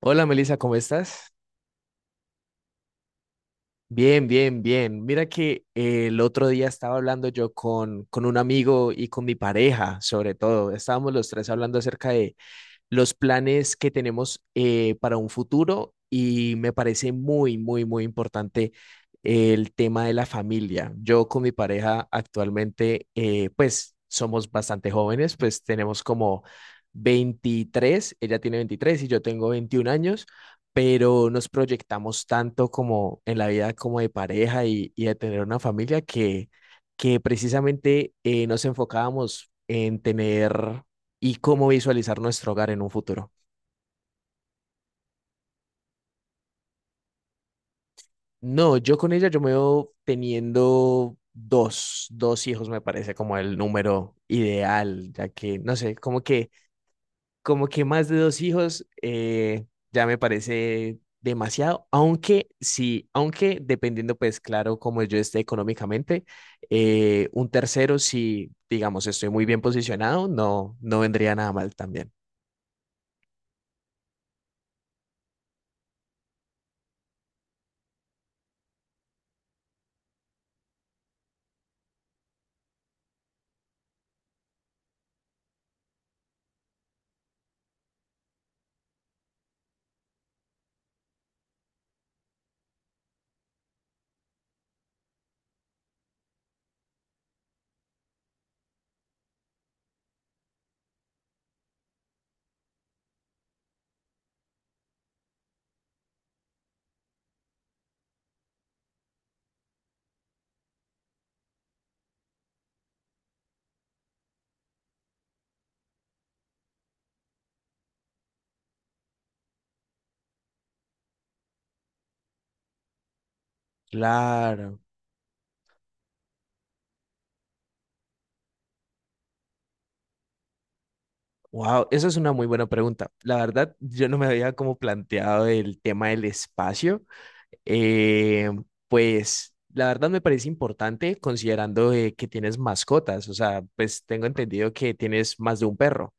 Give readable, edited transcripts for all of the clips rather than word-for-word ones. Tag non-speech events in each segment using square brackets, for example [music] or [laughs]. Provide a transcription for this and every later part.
Hola Melissa, ¿cómo estás? Bien, bien, bien. Mira que el otro día estaba hablando yo con un amigo y con mi pareja, sobre todo. Estábamos los tres hablando acerca los planes que tenemos, para un futuro, y me parece muy, muy, muy importante el tema de la familia. Yo con mi pareja actualmente, pues somos bastante jóvenes. Pues tenemos como 23, ella tiene 23 y yo tengo 21 años, pero nos proyectamos tanto como en la vida, como de pareja, y de tener una familia, que precisamente, nos enfocábamos en tener y cómo visualizar nuestro hogar en un futuro. No, yo con ella yo me veo teniendo dos hijos, me parece como el número ideal, ya que, no sé, como que más de dos hijos, ya me parece demasiado. Aunque sí, aunque dependiendo, pues claro, como yo esté económicamente, un tercero, si digamos estoy muy bien posicionado, no, no vendría nada mal también. Claro. Wow, eso es una muy buena pregunta. La verdad, yo no me había como planteado el tema del espacio. Eh, pues la verdad me parece importante, considerando, que tienes mascotas. O sea, pues tengo entendido que tienes más de un perro.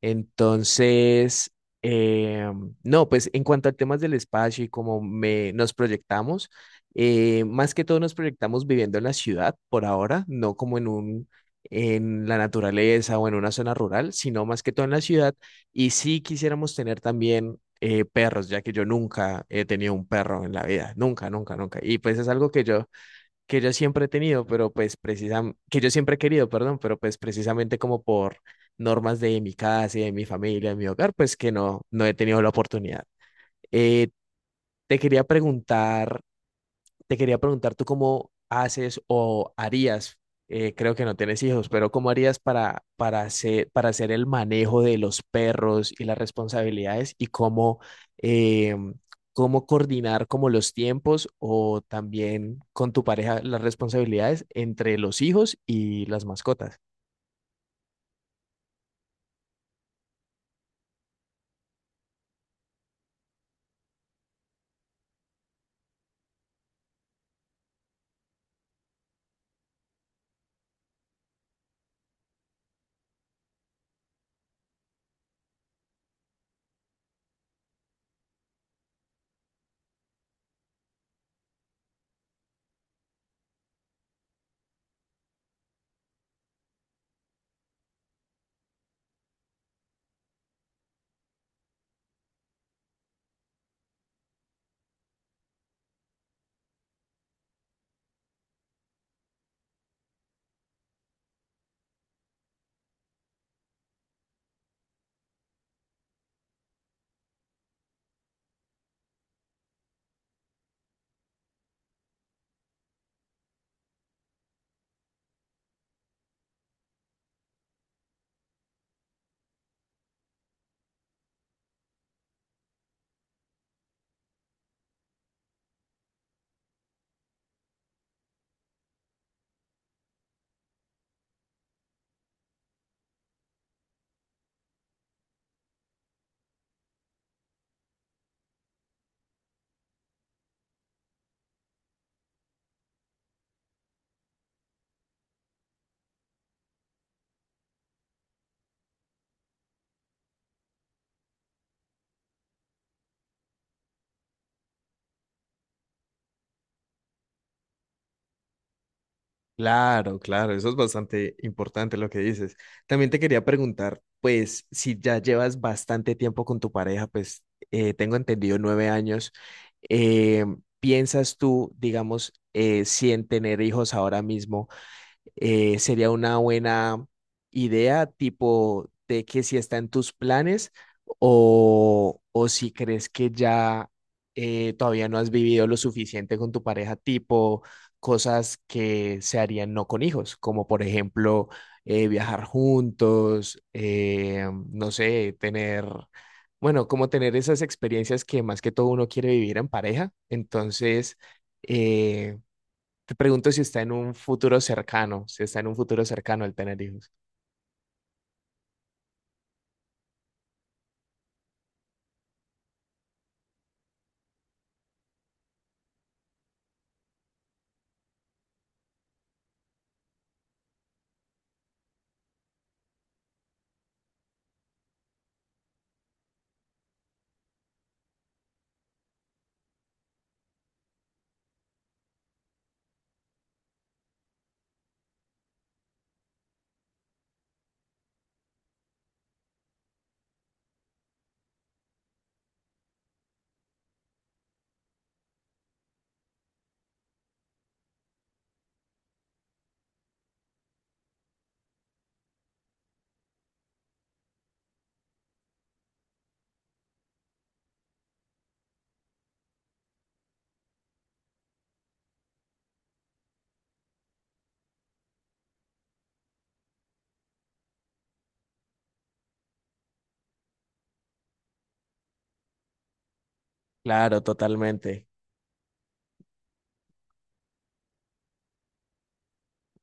Entonces, eh, no, pues en cuanto a temas del espacio y nos proyectamos, más que todo nos proyectamos viviendo en la ciudad por ahora, no como en en la naturaleza o en una zona rural, sino más que todo en la ciudad. Y sí quisiéramos tener también, perros, ya que yo nunca he tenido un perro en la vida, nunca, nunca, nunca. Y pues es algo que yo siempre he tenido, pero pues precisamente, que yo siempre he querido, perdón, pero pues precisamente como por normas de mi casa y de mi familia, de mi hogar, pues que no he tenido la oportunidad. Eh, te quería preguntar te quería preguntar tú cómo haces o harías, creo que no tienes hijos, pero cómo harías para, para hacer el manejo de los perros y las responsabilidades y eh, cómo coordinar como los tiempos, o también con tu pareja, las responsabilidades entre los hijos y las mascotas. Claro, claro, eso es bastante importante lo que dices. También te quería preguntar, pues, si ya llevas bastante tiempo con tu pareja, pues, tengo entendido 9 años. eh, ¿Piensas tú, digamos, si en tener hijos ahora mismo, sería una buena idea, tipo de que si está en tus planes, o si crees que ya, todavía no has vivido lo suficiente con tu pareja, tipo cosas que se harían no con hijos, como por ejemplo, viajar juntos, no sé, tener? Bueno, como tener esas experiencias que más que todo uno quiere vivir en pareja. Entonces, eh, te pregunto si está en un futuro cercano, si está en un futuro cercano el tener hijos. Claro, totalmente.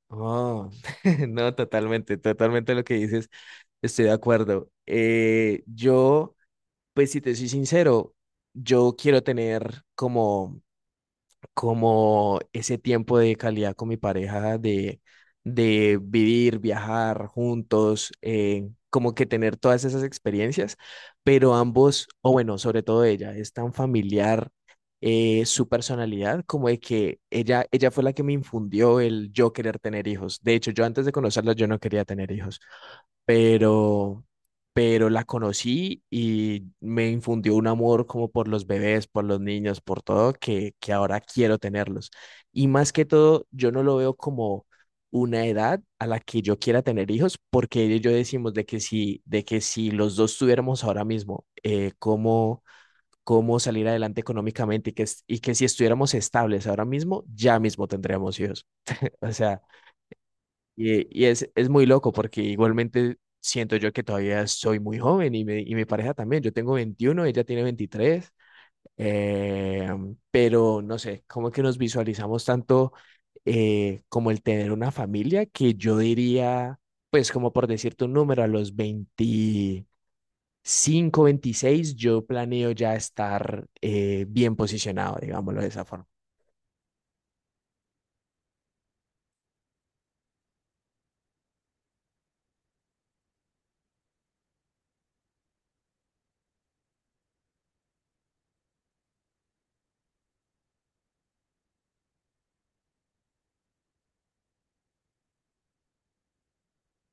Oh, [laughs] no, totalmente, totalmente lo que dices, estoy de acuerdo. Yo, pues si te soy sincero, yo quiero tener como ese tiempo de calidad con mi pareja, de vivir, viajar juntos, como que tener todas esas experiencias, pero ambos, o bueno, sobre todo ella, es tan familiar, su personalidad, como de que ella fue la que me infundió el yo querer tener hijos. De hecho, yo antes de conocerla, yo no quería tener hijos, pero, pero la conocí y me infundió un amor como por los bebés, por los niños, por todo, que ahora quiero tenerlos. Y más que todo, yo no lo veo como una edad a la que yo quiera tener hijos, porque ella y yo decimos de que si los dos tuviéramos ahora mismo, cómo salir adelante económicamente, y que si estuviéramos estables ahora mismo, ya mismo tendríamos hijos. O sea, y es, muy loco, porque igualmente siento yo que todavía soy muy joven, y mi pareja también. Yo tengo 21, ella tiene veintitrés, eh, pero no sé, como que nos visualizamos tanto, como el tener una familia, que yo diría, pues como por decirte un número, a los 25, 26, yo planeo ya estar, bien posicionado, digámoslo de esa forma.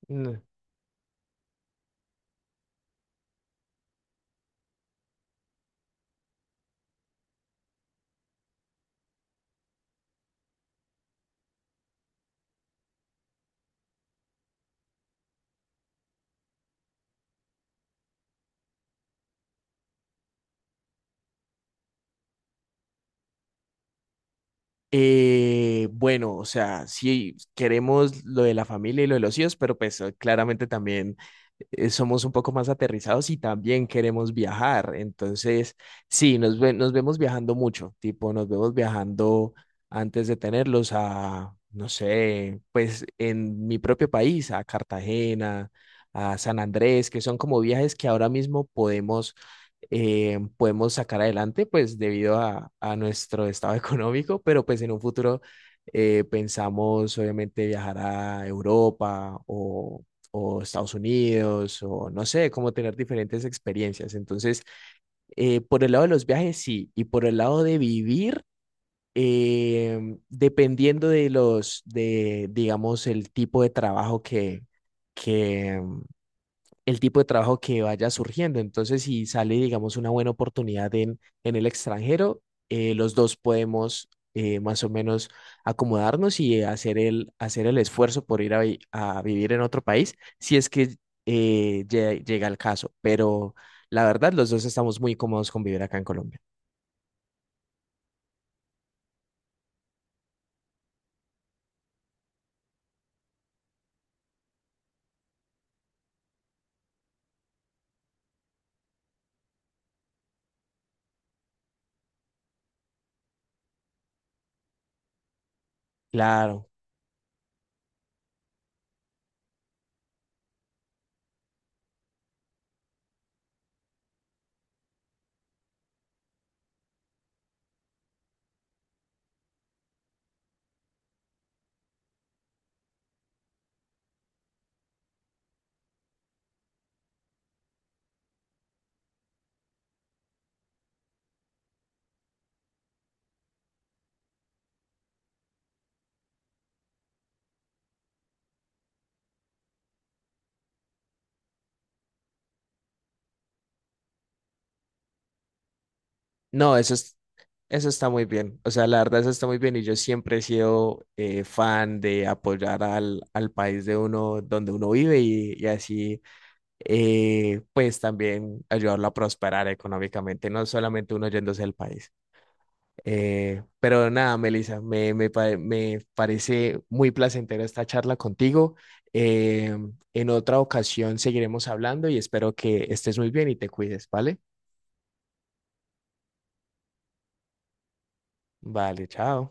Mm. Bueno, o sea, sí queremos lo de la familia y lo de los hijos, pero pues, claramente también, somos un poco más aterrizados y también queremos viajar. Entonces, sí, nos vemos viajando mucho, tipo, nos vemos viajando antes de tenerlos, no sé, pues en mi propio país, a Cartagena, a San Andrés, que son como viajes que ahora mismo podemos sacar adelante, pues debido a nuestro estado [laughs] económico, pero pues en un futuro, pensamos obviamente viajar a Europa, o Estados Unidos, o no sé, como tener diferentes experiencias. Entonces, por el lado de los viajes, sí, y por el lado de vivir. Dependiendo de digamos, el tipo de trabajo que, que vaya surgiendo. Entonces, si sale, digamos, una buena oportunidad en el extranjero, los dos podemos, más o menos acomodarnos, y hacer el esfuerzo por ir a vivir en otro país, si es que, llega el caso. Pero la verdad, los dos estamos muy cómodos con vivir acá en Colombia. Claro. No, eso está muy bien. O sea, la verdad, eso está muy bien. Y yo siempre he sido, fan de apoyar al país de uno, donde uno vive, y así, pues también ayudarlo a prosperar económicamente, no solamente uno yéndose del país. Pero nada, Melissa, me parece muy placentera esta charla contigo. Eh, en otra ocasión seguiremos hablando, y espero que estés muy bien y te cuides, ¿vale? Vale, chao.